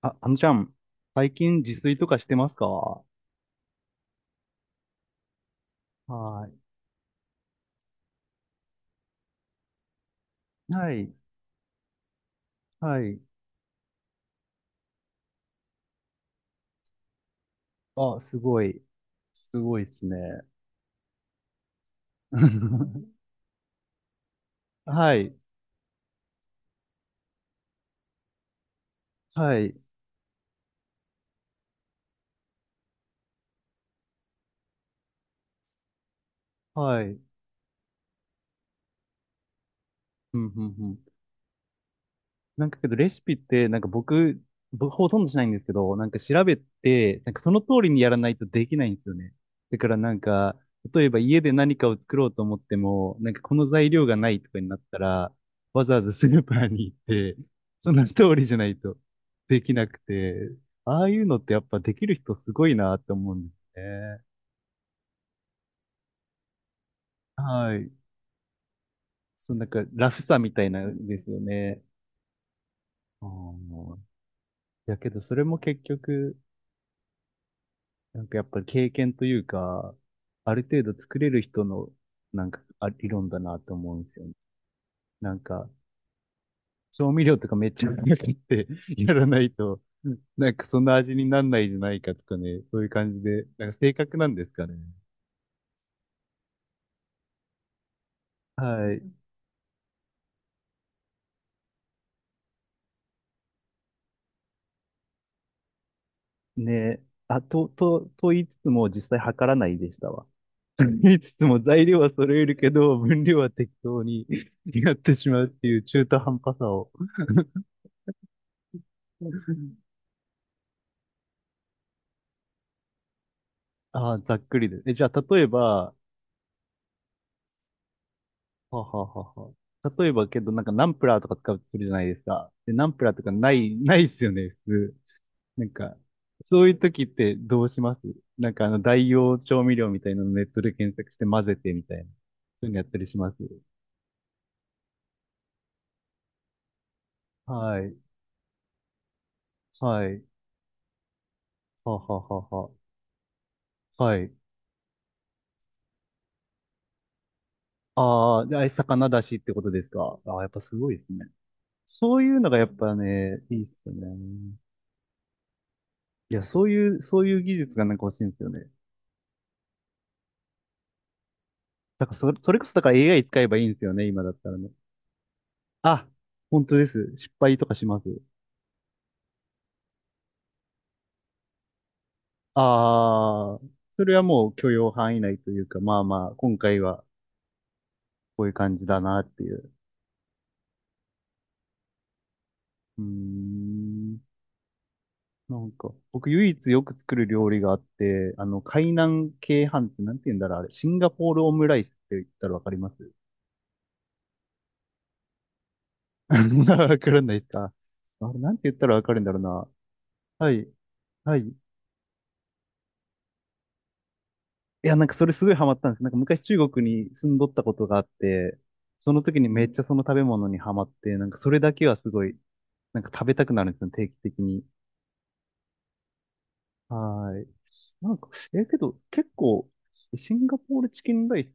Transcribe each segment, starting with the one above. あ、あのちゃん、最近自炊とかしてますか？はい。はい。はい。あ、すごい。すごいっすね。はい。はい。はい。うん、うん、うん。なんかけどレシピって、なんか僕ほとんどしないんですけど、なんか調べて、なんかその通りにやらないとできないんですよね。だからなんか、例えば家で何かを作ろうと思っても、なんかこの材料がないとかになったら、わざわざスーパーに行って、その通りじゃないとできなくて、ああいうのってやっぱできる人すごいなって思うんですね。はい。そのなんかラフさみたいなんですよね。ああ。だけどそれも結局、なんかやっぱり経験というか、ある程度作れる人の、なんか、あ、理論だなと思うんですよね。なんか、調味料とかめっちゃうって やらないと、なんかそんな味になんないじゃないかとかね、そういう感じで、なんか正確なんですかね。はい。ね。と言いつつも実際測らないでしたわ。と言いつつも材料は揃えるけど、分量は適当に やってしまうっていう中途半端さを。ああ、ざっくりです。え、じゃあ、例えば、はあはあはあは。例えばけど、なんかナンプラーとか使うとするじゃないですか。で、ナンプラーとかない、ないっすよね、普通。なんか、そういう時ってどうします？なんかあの、代用調味料みたいなのネットで検索して混ぜてみたいな。そういうのやったりします。はい。はい。はあはあはあはあ。はい。ああ、で、あれ魚だしってことですか。ああ、やっぱすごいですね。そういうのがやっぱね、いいっすよね。いや、そういう技術がなんか欲しいんですよね。だからそ、それこそだから AI 使えばいいんですよね、今だったらね。あ、本当です。失敗とかします。ああ、それはもう許容範囲内というか、まあまあ、今回はこういう感じだなっていう。うーん。なんか、僕唯一よく作る料理があって、あの、海南鶏飯ってなんて言うんだろう、あれ、シンガポールオムライスって言ったらわかります？ わからないですか？あれ、なんて言ったらわかるんだろうな。はい。はい。いや、なんかそれすごいハマったんです。なんか昔中国に住んどったことがあって、その時にめっちゃその食べ物にハマって、なんかそれだけはすごい、なんか食べたくなるんですよ、定期的に。はーい。なんか、え、けど結構、シンガポールチキンライス、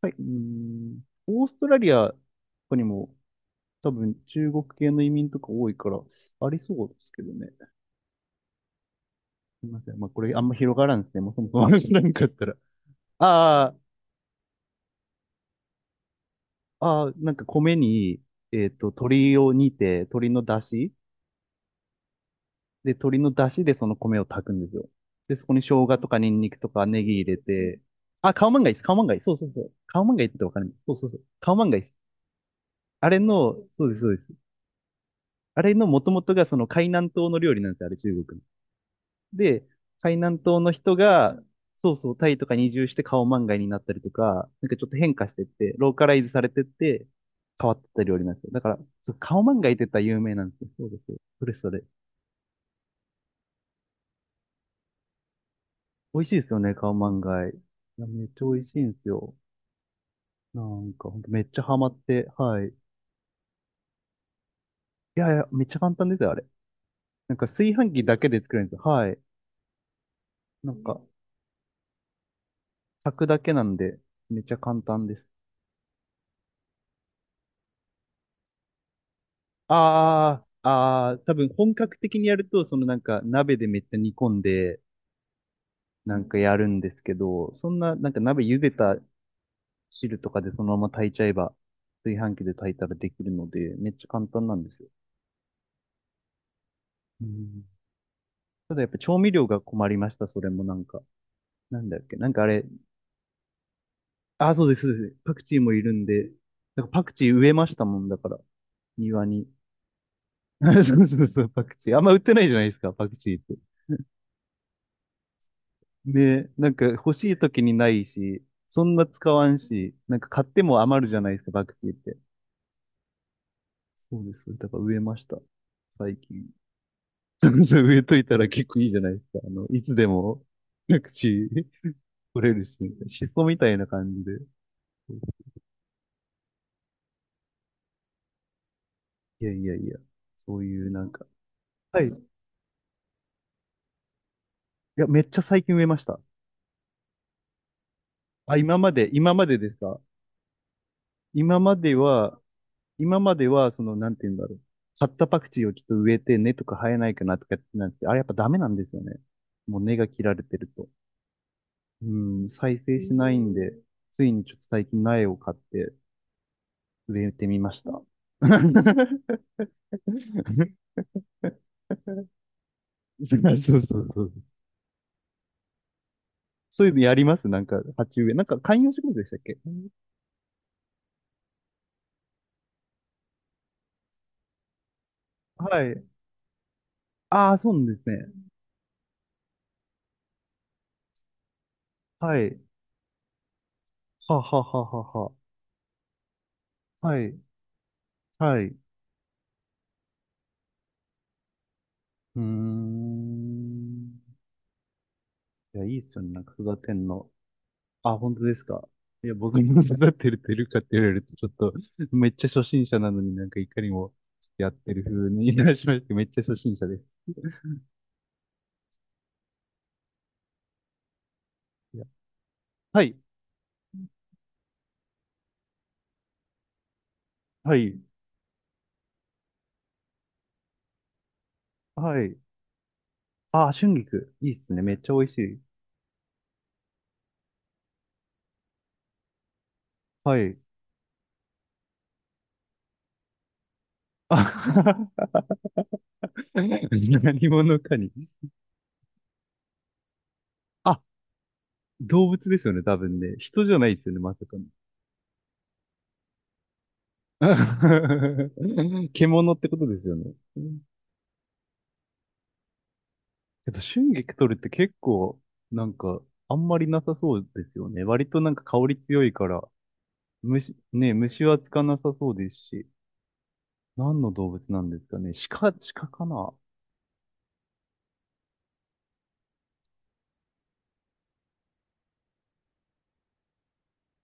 はい、うーん、オーストラリアとかにも多分中国系の移民とか多いから、ありそうですけどね。すみません。まあこれあんま広がらんですね。もうそもそも話なんかあったら。あああ、なんか米に、えっと、鶏を煮て、鶏の出汁でその米を炊くんですよ。で、そこに生姜とかニンニクとかネギ入れて、あ、カオマンガイです。カオマンガイ。そうそうそう。カオマンガイってわかるんですそうそうそう。カオマンガイです。あれの、そうです、そうです。あれの元々がその海南島の料理なんですよ、あれ中国の。で、海南島の人が、そうそう、タイとかに移住して顔漫画になったりとか、なんかちょっと変化してって、ローカライズされてって、変わってった料理なんですよ。だから、そう顔漫画って言ったら有名なんですよ。そうですそれそれ。美味しいですよね、顔漫画。いや、めっちゃ美味しいんですよ。なんか、ほんとめっちゃハマって、はい。いやいや、めっちゃ簡単ですよ、あれ。なんか炊飯器だけで作れるんですよ。はい。なんか、炊くだけなんで、めっちゃ簡単です。ああ、ああ、多分本格的にやると、そのなんか鍋でめっちゃ煮込んで、なんかやるんですけど、そんななんか鍋茹でた汁とかでそのまま炊いちゃえば、炊飯器で炊いたらできるので、めっちゃ簡単なんですよ。うん、ただやっぱ調味料が困りました、それもなんか。なんだっけ、なんかあれ、ああ、そうです、そうです。パクチーもいるんで、なんかパクチー植えましたもんだから、庭に。そうそうそう、パクチー。あんま売ってないじゃないですか、パクチーって。ね、なんか欲しい時にないし、そんな使わんし、なんか買っても余るじゃないですか、バクティって。そうです。だから植えました。最近。そうそう植えといたら結構いいじゃないですか。あの、いつでも、各地取れるし、シソみたいな感じで。いやいやいや、そういうなんか。はい。いや、めっちゃ最近植えました。あ、今までですか？今までは、今までは、その、なんて言うんだろう。買ったパクチーをちょっと植えて根とか生えないかなとかやってなって、あれやっぱダメなんですよね。もう根が切られてると。うん、再生しないんで、ついにちょっと最近苗を買って植えてみました。そうそうそうそう。そういうのやりますなんか、鉢植え。なんか、観葉植物でしたっけ？はい。ああ、そうなんですね。はい。はあはあはあはあはあ。はい。はい。うーん。いや、いいっすよね。なんか育てんの。あ、本当ですか。いや、僕の育ってるてるかって言われると、ちょっと、めっちゃ初心者なのになんかいかにもやってる風にいらっしゃいまして、めっちゃ初心者です。いやはい、はい、はい。あ、春菊、いいっすね。めっちゃ美味しい。はい。あ 何者かに。あ、動物ですよね、多分ね。人じゃないですよね、まさかの。獣ってことですよね。けど、春菊取るって結構、なんか、あんまりなさそうですよね。割となんか香り強いから、虫、ね、虫はつかなさそうですし、何の動物なんですかね。鹿、鹿かな？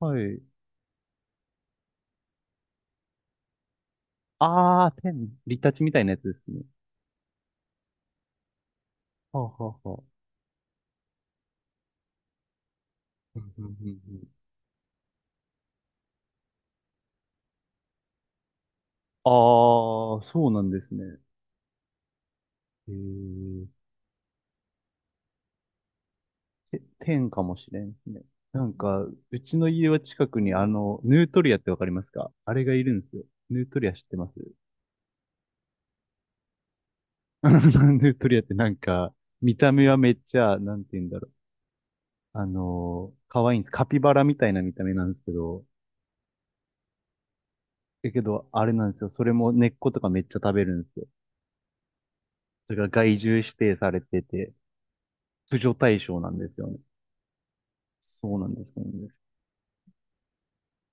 はい。あー、天、リタチみたいなやつですね。はあ、はあ、はあ。うんうんうんうん、あー、そうなんですね。へーえ、天かもしれんですね。なんか、うちの家は近くにあの、ヌートリアってわかりますか？あれがいるんですよ。ヌートリア知ってます？ なんでトリアってなんか、見た目はめっちゃ、なんて言うんだろう。あのー可愛いんです。カピバラみたいな見た目なんですけど、だけど、あれなんですよ。それも根っことかめっちゃ食べるんですよ。それが害獣指定されてて、駆除対象なんですよね。そうなんです、そうなんです。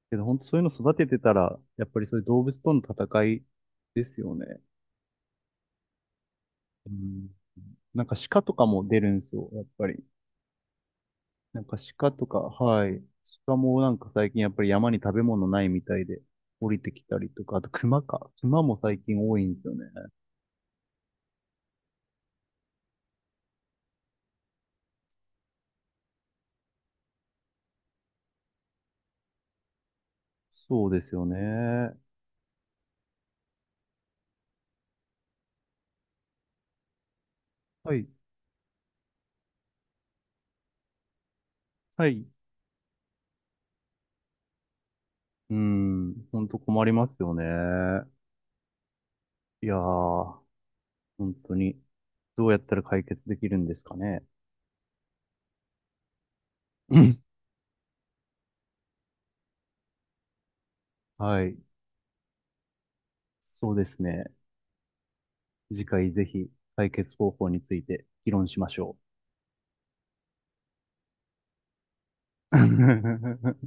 けど、本当そういうの育ててたら、やっぱりそういう動物との戦いですよね。うん。なんか鹿とかも出るんですよ、やっぱり。なんか鹿とか、はい。鹿もなんか最近やっぱり山に食べ物ないみたいで降りてきたりとか、あと熊か。熊も最近多いんですよね。そうですよね。はい、はい。うん、ほんと困りますよね。いやー、本当に、どうやったら解決できるんですかね。うん、はい、そうですね。次回ぜひ解決方法について議論しましょう。